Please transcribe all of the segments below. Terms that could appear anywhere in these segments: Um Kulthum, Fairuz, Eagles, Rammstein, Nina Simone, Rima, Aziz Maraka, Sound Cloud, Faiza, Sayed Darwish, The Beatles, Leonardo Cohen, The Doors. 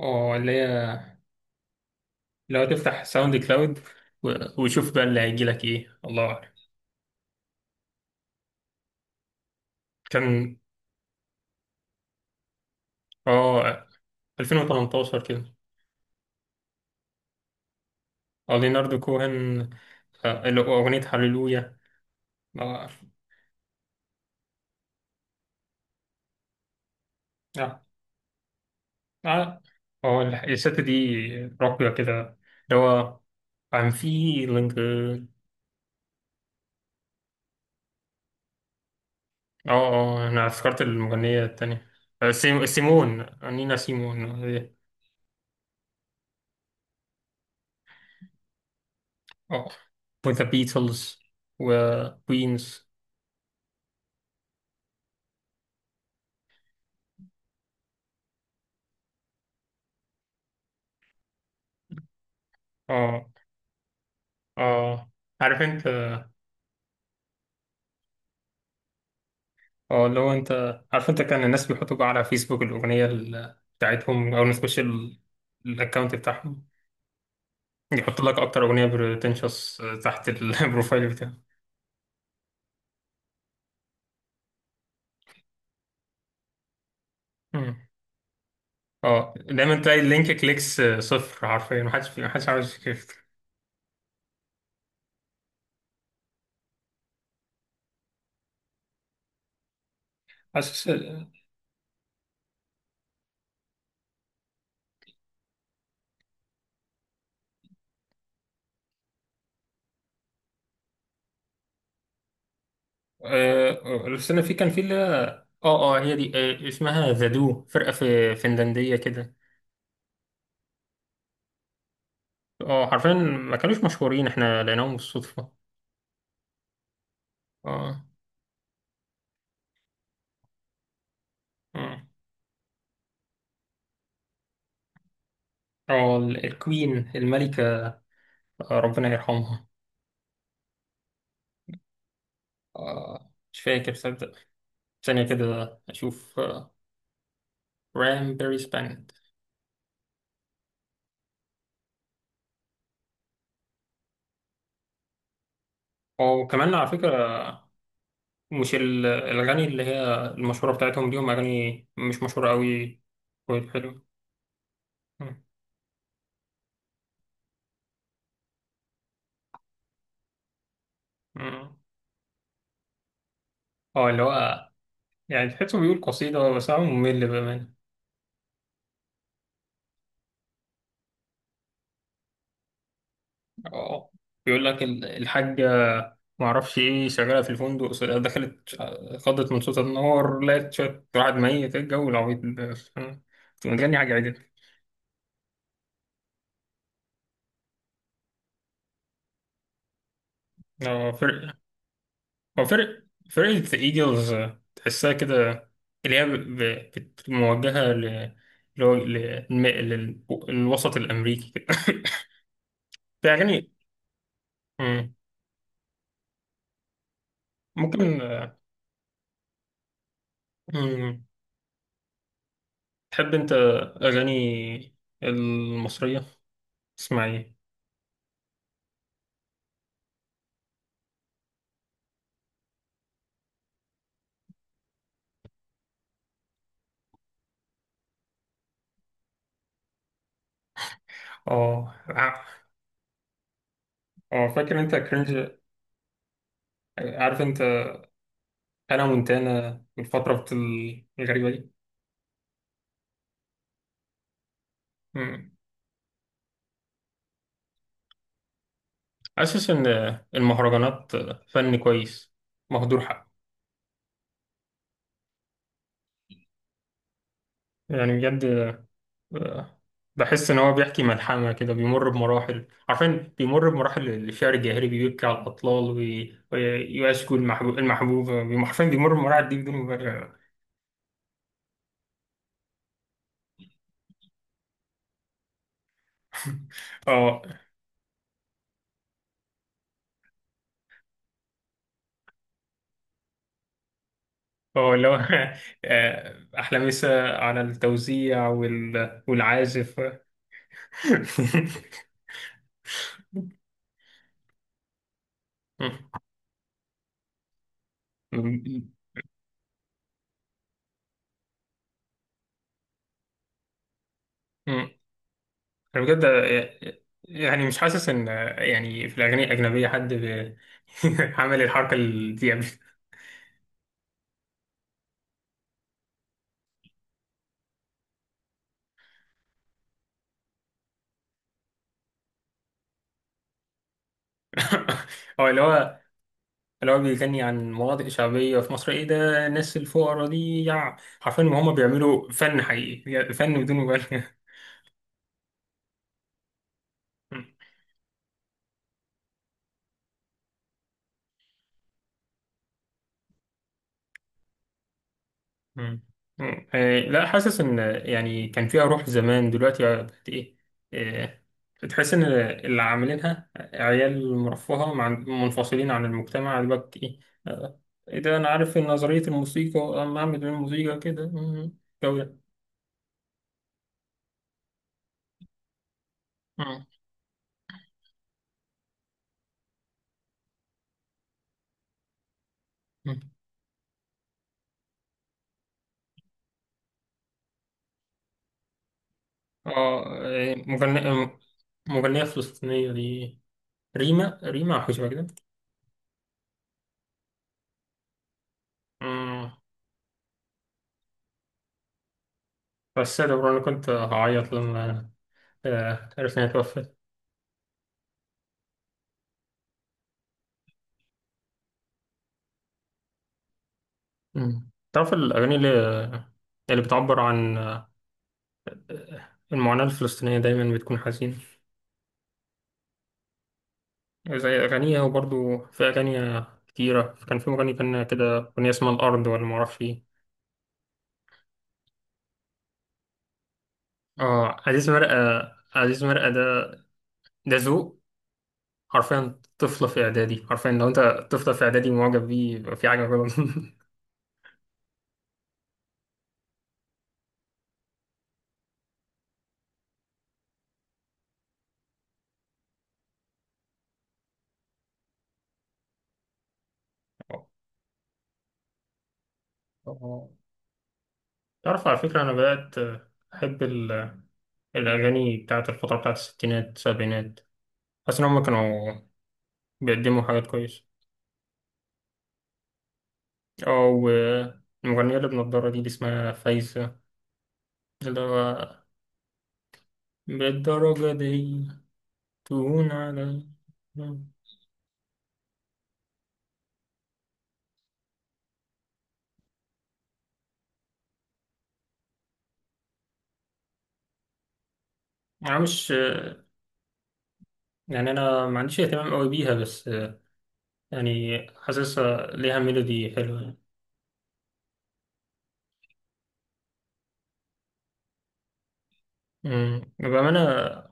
اه اللي هي لو تفتح ساوند كلاود وشوف بقى اللي هيجي لك ايه، الله اعلم. كان اه 2018 كده. اه، ليناردو كوهن. اللي هو اغنية هاليلويا. اه اه اه الست دي راقية كده، اللي هو I'm feeling good. اه انا افتكرت المغنية التانية. سيمون، نينا سيمون. اه، وذا بيتلز وكوينز. اه اه عارف انت. اه اللي هو، انت عارف، انت كان الناس بيحطوا بقى على فيسبوك الاغنيه بتاعتهم او نخش الاكونت بتاعهم، يحط لك اكتر اغنيه بتنشص تحت البروفايل بتاعه. مم. اه دايما تلاقي اللينك كليكس صفر حرفيا، محدش عاوز يفتح. حاسس. بس انا في كان في اللي هي- اه اه هي دي، اسمها ذا دو، فرقه في فنلنديه كده. اه، حرفيا ما كانوش مشهورين، احنا لقيناهم بالصدفه. اه. اه الكوين، الملكة. آه، ربنا يرحمها. آه، مش فاكر صدق. ثانية كده أشوف. رام بيري سبانت. وكمان على فكرة، مش الأغاني اللي هي المشهورة بتاعتهم دي، هم أغاني مش مشهورة أوي. والحلو، اه اللي هو، يعني تحسه بيقول قصيدة بس هو ممل بأمانة. اه بيقول لك الحاجة، ما اعرفش ايه شغالة في الفندق، دخلت، خضت من صوت النار، لقت شوية واحد ميت. إيه الجو العبيط ده؟ تبقى متغني حاجة عادي. هو فرق، هو فرق، فرقة ايجلز. آه، تحسها كده اللي هي موجهة ل، اللي هو للوسط الأمريكي كده في أغاني. مم. ممكن. مم. تحب أنت أغاني المصرية، تسمع ايه؟ اه اه فاكر انت كرنج. عارف انت، انا مونتانا والفترة الغريبة دي. مم. حاسس ان المهرجانات فن كويس مهدور حقه. يعني بجد، آه، بحس ان هو بيحكي ملحمة كده، بيمر بمراحل، عارفين بيمر بمراحل الشعر الجاهلي، بيبكي على الأطلال ويشكو المحبوب، حرفيا بيمر بمراحل دي بدون مبالغة. اه. اه اللي هو أحلامسة على التوزيع والعازف. مم. مم. مم. انا بجد يعني مش حاسس ان، يعني في الاغاني الاجنبيه حد عمل الحركه دي قبل. هو اللي هو اللي هو بيغني عن مناطق شعبيه في مصر. ايه ده، الناس الفقراء دي، يع حرفيا ما هم بيعملوا فن حقيقي، فن بدون مبالغه. مم. آه، لا حاسس ان، يعني كان فيها روح زمان، دلوقتي بقت ايه. آه، بتحس ان اللي عاملينها عيال مرفهه، مع منفصلين عن المجتمع دلوقتي. ايه، آه، إيه ده، انا عارف ان نظريه الموسيقى، اما اعمل الموسيقى كده، الجو ده. مم. مم. اه آه، مغنية، مغنية فلسطينية دي، ريما ريما أو حاجة شبه كده. مم. بس ده برضه أنا كنت هعيط لما عرفت إنها توفت. مم. تعرف الأغاني اللي بتعبر عن المعاناة الفلسطينية دايما بتكون حزينة، زي أغانيها. وبرضو في أغاني كتيرة، كان في مغني كان كده أغنية اسمها الأرض، ولا معرفش إيه. آه عزيز مرقة، عزيز مرقة ده، ده ذوق. حرفيا طفلة في إعدادي، حرفيا لو أنت طفلة في إعدادي معجب بيه يبقى في حاجة غلط. آه. تعرف على فكرة، أنا بدأت أحب الأغاني بتاعت الفترة بتاعت الستينات السبعينات. حاسس إن هما كانوا بيقدموا حاجات كويسة. اه، والمغنية اللي بنضارة دي اللي اسمها فايزة، اللي هو بالدرجة دي تهون علي. أنا مش يعني، أنا ما عنديش اهتمام قوي بيها، بس يعني حاسسها ليها ميلودي حلوة يعني. أمم، بأمانة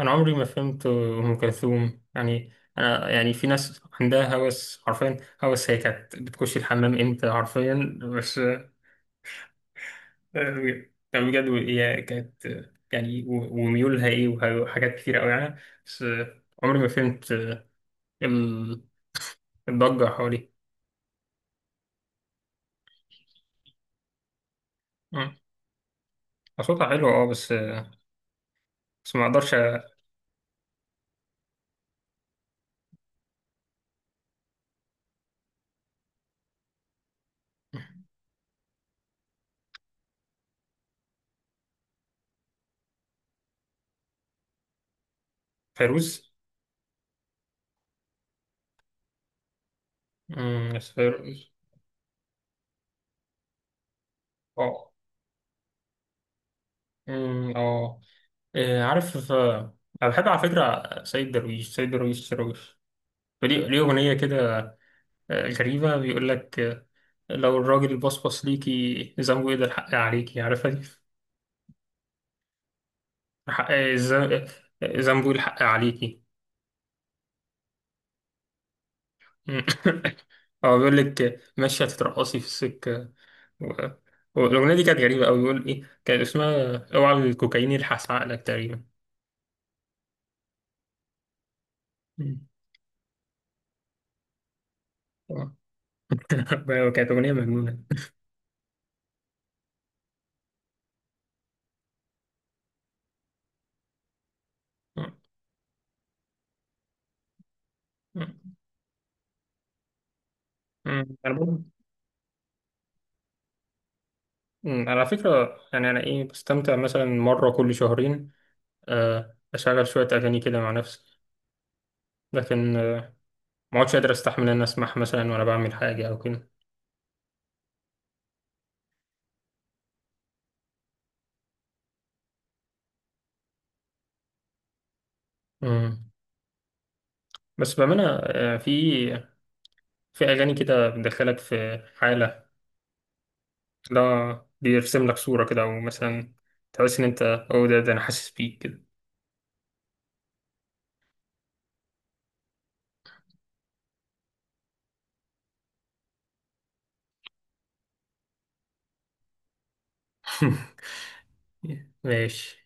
أنا عمري ما فهمت أم كلثوم. يعني أنا، يعني في ناس عندها هوس حرفيا، هوس، هي كانت بتخش الحمام إمتى حرفيا. بس، آه، كان بجد هي كانت، يعني وميولها ايه وحاجات كتير قوي يعني. بس عمري ما فهمت ال- الضجة حواليه. مم. صوتها حلو اه، بس، بس ما اقدرش فيروز. مم، بس فيروز. اه. مم، اه. إيه، عارف. انا بحب على فكرة سيد درويش. درويش، ليه أغنية كده غريبة، بيقول لك، لو الراجل بصبص ليكي، ذنبه ايه ده، الحق عليكي. عارفها دي؟ حق زنبول، حق عليكي. هو بيقول لك ماشية تترقصي في السكة و... والأغنية دي كانت غريبة أوي، بيقول إيه، كانت اسمها اوعى الكوكايين يلحس عقلك تقريبا. مم. كانت أغنية مجنونة. مم. أنا برضه أمم، على فكرة يعني، أنا إيه، بستمتع مثلا مرة كل شهرين، أشغل شوية أغاني كده مع نفسي. لكن ما عدتش قادر أستحمل إن أسمعها مثلا وأنا بعمل حاجة أو كده. أمم. بس بأمانة، في، في أغاني كده بتدخلك في حالة، لا بيرسم لك صورة كده، أو مثلا تحس إن أنت، أو ده ده أنا حاسس بيك كده. ماشي.